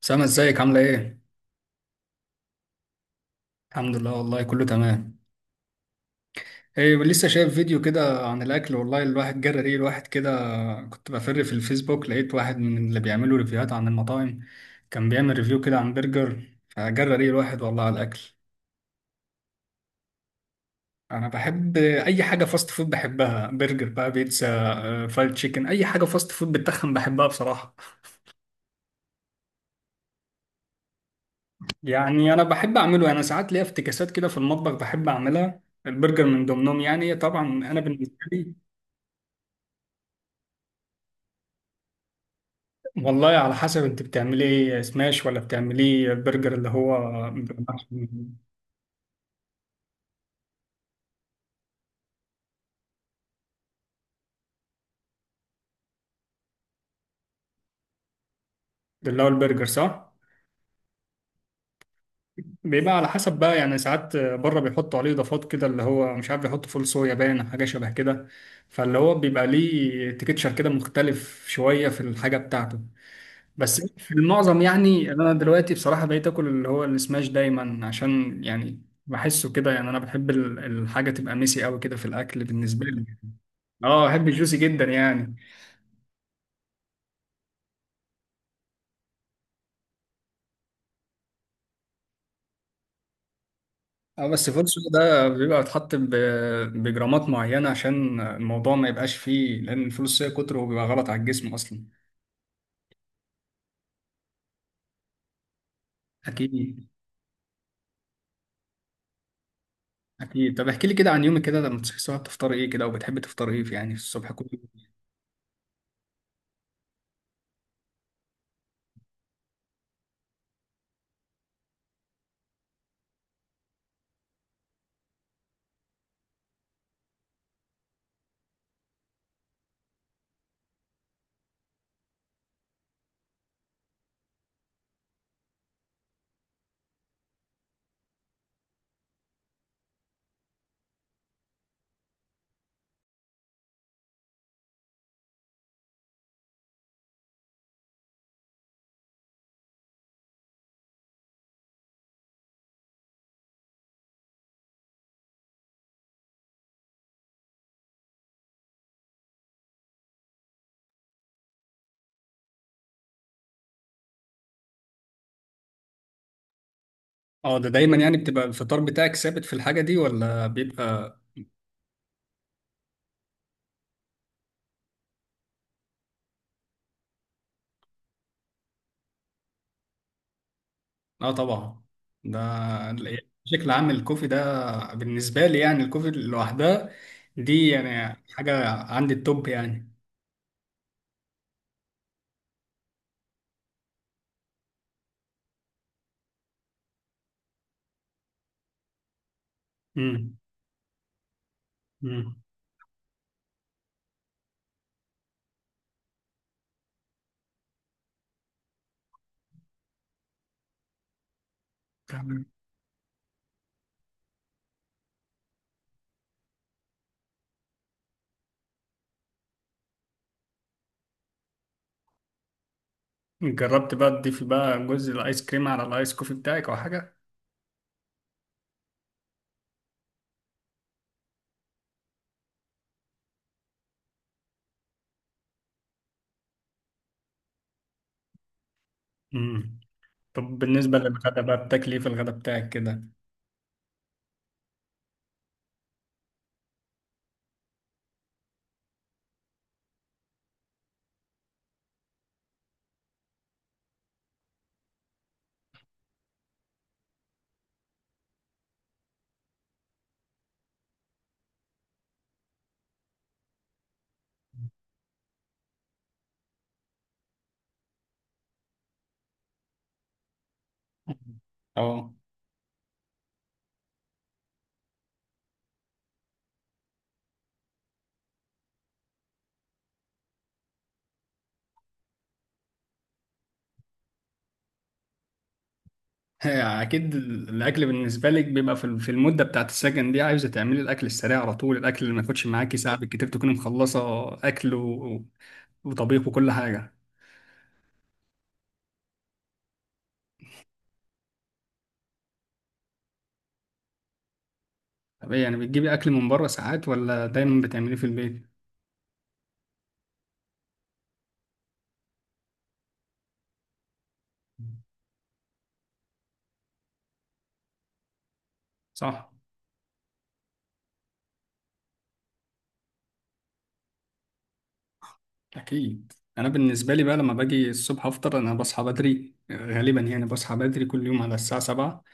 سامة، ازيك؟ عاملة ايه؟ الحمد لله، والله كله تمام. ايه لسه شايف فيديو كده عن الاكل، والله الواحد جرى ريه الواحد كده. كنت بفر في الفيسبوك، لقيت واحد من اللي بيعملوا ريفيوهات عن المطاعم، كان بيعمل ريفيو كده عن برجر، فجرى ريه الواحد والله على الاكل. انا بحب اي حاجة فاست فود بحبها، برجر بقى، بيتزا، فرايد تشيكن، اي حاجة فاست فود بتخن بحبها بصراحة. يعني انا بحب اعمله، انا ساعات ليا افتكاسات كده في المطبخ بحب اعملها، البرجر من ضمنهم. يعني طبعا انا بالنسبة لي، والله على حسب انت بتعملي ايه، سماش ولا بتعملي البرجر اللي هو، اللي هو البرجر صح؟ بيبقى على حسب بقى، يعني ساعات بره بيحطوا عليه اضافات كده اللي هو مش عارف، بيحطوا فول صويا، باين حاجه شبه كده. فاللي هو بيبقى ليه تكتشر كده مختلف شويه في الحاجه بتاعته. بس في المعظم، يعني انا دلوقتي بصراحه بقيت اكل اللي هو السماش دايما، عشان يعني بحسه كده، يعني انا بحب الحاجه تبقى ميسي قوي كده في الاكل بالنسبه لي. اه بحب الجوسي جدا يعني. اه بس فول سوق ده بيبقى متحط بجرامات معينة، عشان الموضوع ما يبقاش فيه، لأن الفول الصويا كتره بيبقى غلط على الجسم أصلا. أكيد. أكيد. طب احكي لي كده عن يومك كده، لما بتصحي الصبح بتفطري إيه كده، وبتحبي تفطري إيه يعني في الصبح كل يوم؟ أه، ده دايما يعني بتبقى الفطار بتاعك ثابت في الحاجة دي ولا بيبقى؟ أه طبعا. ده يعني بشكل عام، الكوفي ده بالنسبة لي، يعني الكوفي لوحدها دي يعني حاجة عندي التوب يعني. امم. امم. جربت بقى تضيفي بقى جزء الايس كريم على الايس كوفي بتاعك او حاجه؟ امم. طب بالنسبه للغدا بقى، بتاكلي ايه في الغدا بتاعك كده؟ اه. اكيد الاكل بالنسبه لك بيبقى في في المده بتاعت السكن دي، عايزه تعملي الاكل السريع على طول، الاكل اللي ما ياخدش معاكي ساعه بالكتير تكوني مخلصه اكل وطبيخ وكل حاجه. طب ايه، يعني بتجيبي اكل من بره ساعات ولا دايما بتعمليه في البيت؟ صح. أكيد. أنا بالنسبة لي بقى لما باجي الصبح أفطر، أنا بصحى بدري غالبا، يعني بصحى بدري كل يوم على الساعة سبعة.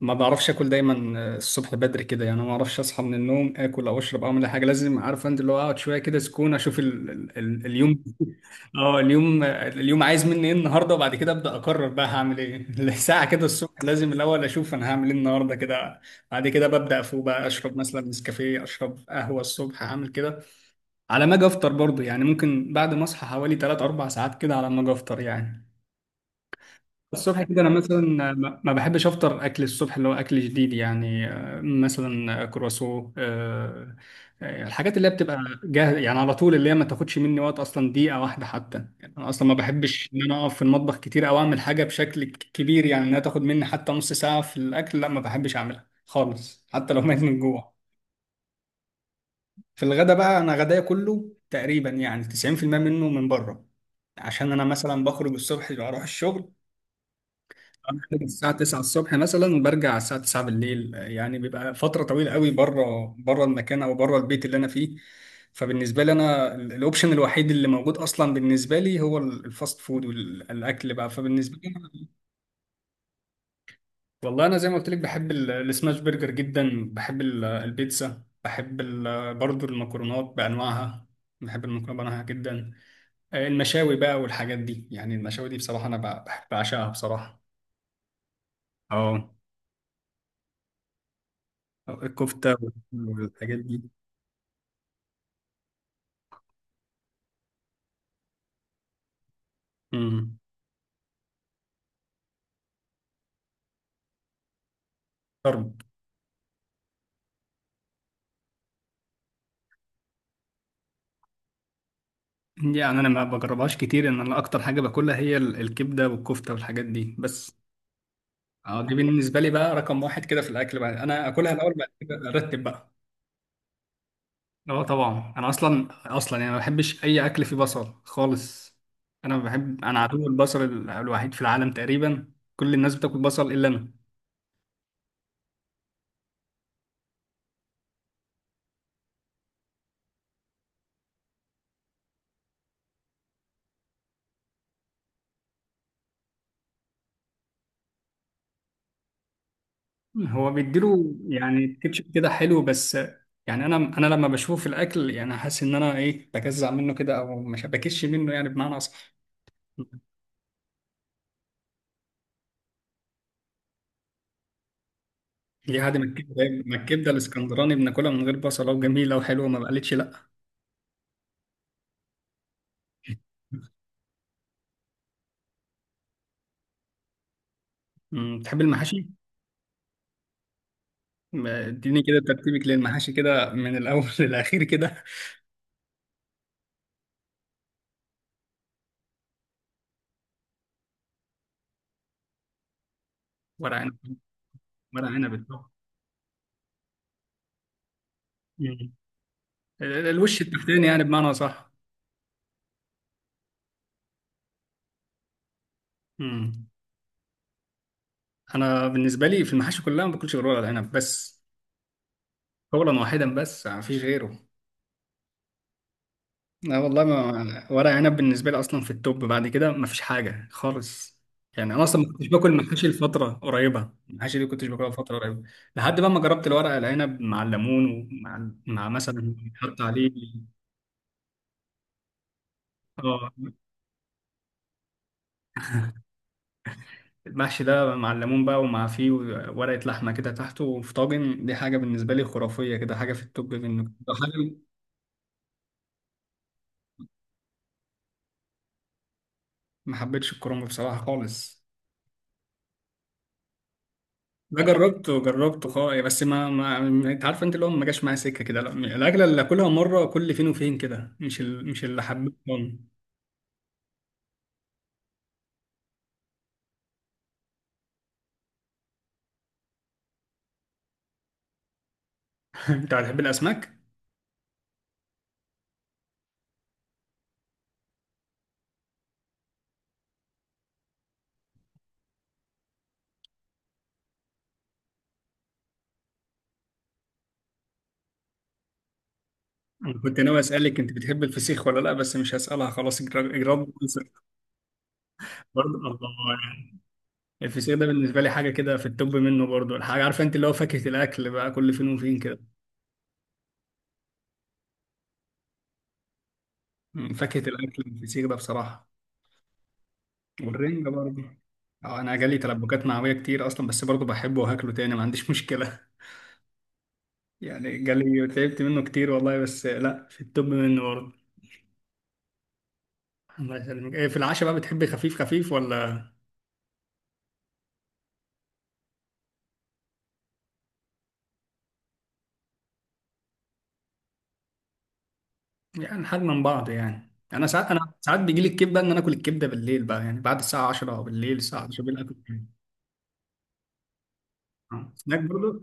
ما بعرفش آكل دايما الصبح بدري كده، يعني ما بعرفش أصحى من النوم آكل أو أشرب أو أعمل أي حاجة، لازم عارف أنت اللي هو أقعد شوية كده سكون أشوف ال اليوم. أه اليوم، اليوم عايز مني إيه النهاردة، وبعد كده أبدأ أقرر بقى هعمل إيه. ساعة كده الصبح لازم الأول أشوف أنا هعمل إيه النهاردة كده. بعد كده ببدأ أفوق بقى، أشرب مثلا نسكافيه، أشرب قهوة الصبح هعمل كده. على ما اجي افطر برضه، يعني ممكن بعد ما اصحى حوالي 3 4 ساعات كده على ما اجي افطر يعني. الصبح كده انا مثلا ما بحبش افطر اكل الصبح اللي هو اكل جديد، يعني آه، مثلا كرواسو، آه، الحاجات اللي هي بتبقى جاهزه يعني على طول، اللي هي ما تاخدش مني وقت اصلا دقيقه واحده حتى، يعني انا اصلا ما بحبش ان انا اقف في المطبخ كتير او اعمل حاجه بشكل كبير يعني، انها تاخد مني حتى نص ساعه في الاكل، لا ما بحبش اعملها خالص حتى لو مات من جوع. في الغدا بقى، انا غدايا كله تقريبا يعني 90% منه من بره، عشان انا مثلا بخرج الصبح بروح الشغل، بخرج الساعة 9 الصبح مثلا برجع الساعة 9 بالليل، يعني بيبقى فترة طويلة قوي بره، بره المكان او بره البيت اللي انا فيه. فبالنسبة لي انا الاوبشن الوحيد اللي موجود اصلا بالنسبة لي هو الفاست فود والاكل بقى، فبالنسبة لي، والله انا زي ما قلت لك بحب السماش برجر جدا، بحب البيتزا، بحب برضو المكرونات بانواعها، بحب المكرونه بانواعها جدا. المشاوي بقى والحاجات دي، يعني المشاوي دي بصراحة أنا بحب بعشقها بصراحة. اه، الكفتة والحاجات دي. امم. طرب. يعني أنا ما بجربهاش كتير، إن أنا أكتر حاجة باكلها هي الكبدة والكفتة والحاجات دي بس. اه دي بالنسبة لي بقى رقم واحد كده في الأكل بقى، أنا أكلها الأول بعد كده أرتب بقى. اه طبعا أنا أصلا، يعني ما بحبش أي أكل فيه بصل خالص. أنا بحب، أنا عدو البصل الوحيد في العالم تقريبا، كل الناس بتاكل بصل إلا أنا. هو بيديله يعني كاتشب كده حلو بس، يعني انا لما بشوف الاكل يعني حاسس ان انا ايه، بجزع منه كده او مش بكش منه يعني بمعنى اصح. دي عادي ما الكبده، ما الكبده الاسكندراني بناكلها من غير بصله وجميله وحلوه ما بقالتش لا. أمم، بتحب المحاشي؟ ما- اديني كده ترتيبك للمحاشي كده من الاول للاخير كده. ورق عنب. ورق عنب الطبق. أمم. الوش التحتاني يعني بمعنى صح. انا بالنسبه لي في المحاشي كلها ما باكلش غير ورق العنب بس، قولا واحدا بس ما فيش غيره. لا والله، ما ورق عنب بالنسبة لي أصلا في التوب، بعد كده مفيش حاجة خالص. يعني أنا أصلا ما كنتش باكل محاشي لفترة قريبة، المحاشي دي كنتش باكلها لفترة قريبة، لحد بقى ما جربت الورق العنب مع الليمون، ومع مثلا حط عليه، اه. المحشي ده مع الليمون بقى، ومع فيه ورقة لحمة كده تحته في طاجن، دي حاجة بالنسبة لي خرافية كده، حاجة في التوب منه. حاجة ما حبيتش الكرنب بصراحة خالص، ده جربته جربته خالص، بس ما انت عارف انت اللي هو ما جاش معايا سكه كده، لا الاكله اللي اكلها مره كل فين وفين كده، مش اللي حبيتها. انت بتحب الاسماك؟ انا كنت ناوي اسالك انت بتحب الفسيخ ولا لا، بس مش هسالها خلاص، اجراد اجراد. برضه الله يعني. الفسيخ ده بالنسبه لي حاجه كده في التوب منه برضه، الحاجه عارفه انت اللي هو فاكهه الاكل بقى كل فين وفين كده. فاكهه الاكل الفسيخ ده بصراحه. والرنجة برضه. اه انا جالي تلبكات معويه كتير اصلا بس برضه بحبه وهاكله تاني، ما عنديش مشكله. يعني جالي تعبت منه كتير والله، بس لا في التوب منه برضه. الله يسلمك. إيه في العشاء بقى، بتحبي خفيف خفيف ولا؟ يعني حاجة من بعض يعني، انا ساعات بيجي لي الكبده ان انا اكل الكبده بالليل بقى، يعني بعد الساعه 10 بالليل، الساعه 10 بالليل اكل كبدة. آه. هناك برضه.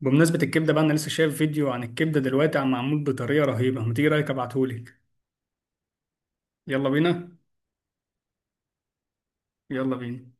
بمناسبه الكبده بقى، انا لسه شايف فيديو عن الكبده دلوقتي عم معمول بطريقه رهيبه، ما تيجي رايك ابعتهولك؟ يلا بينا. يلا بينا.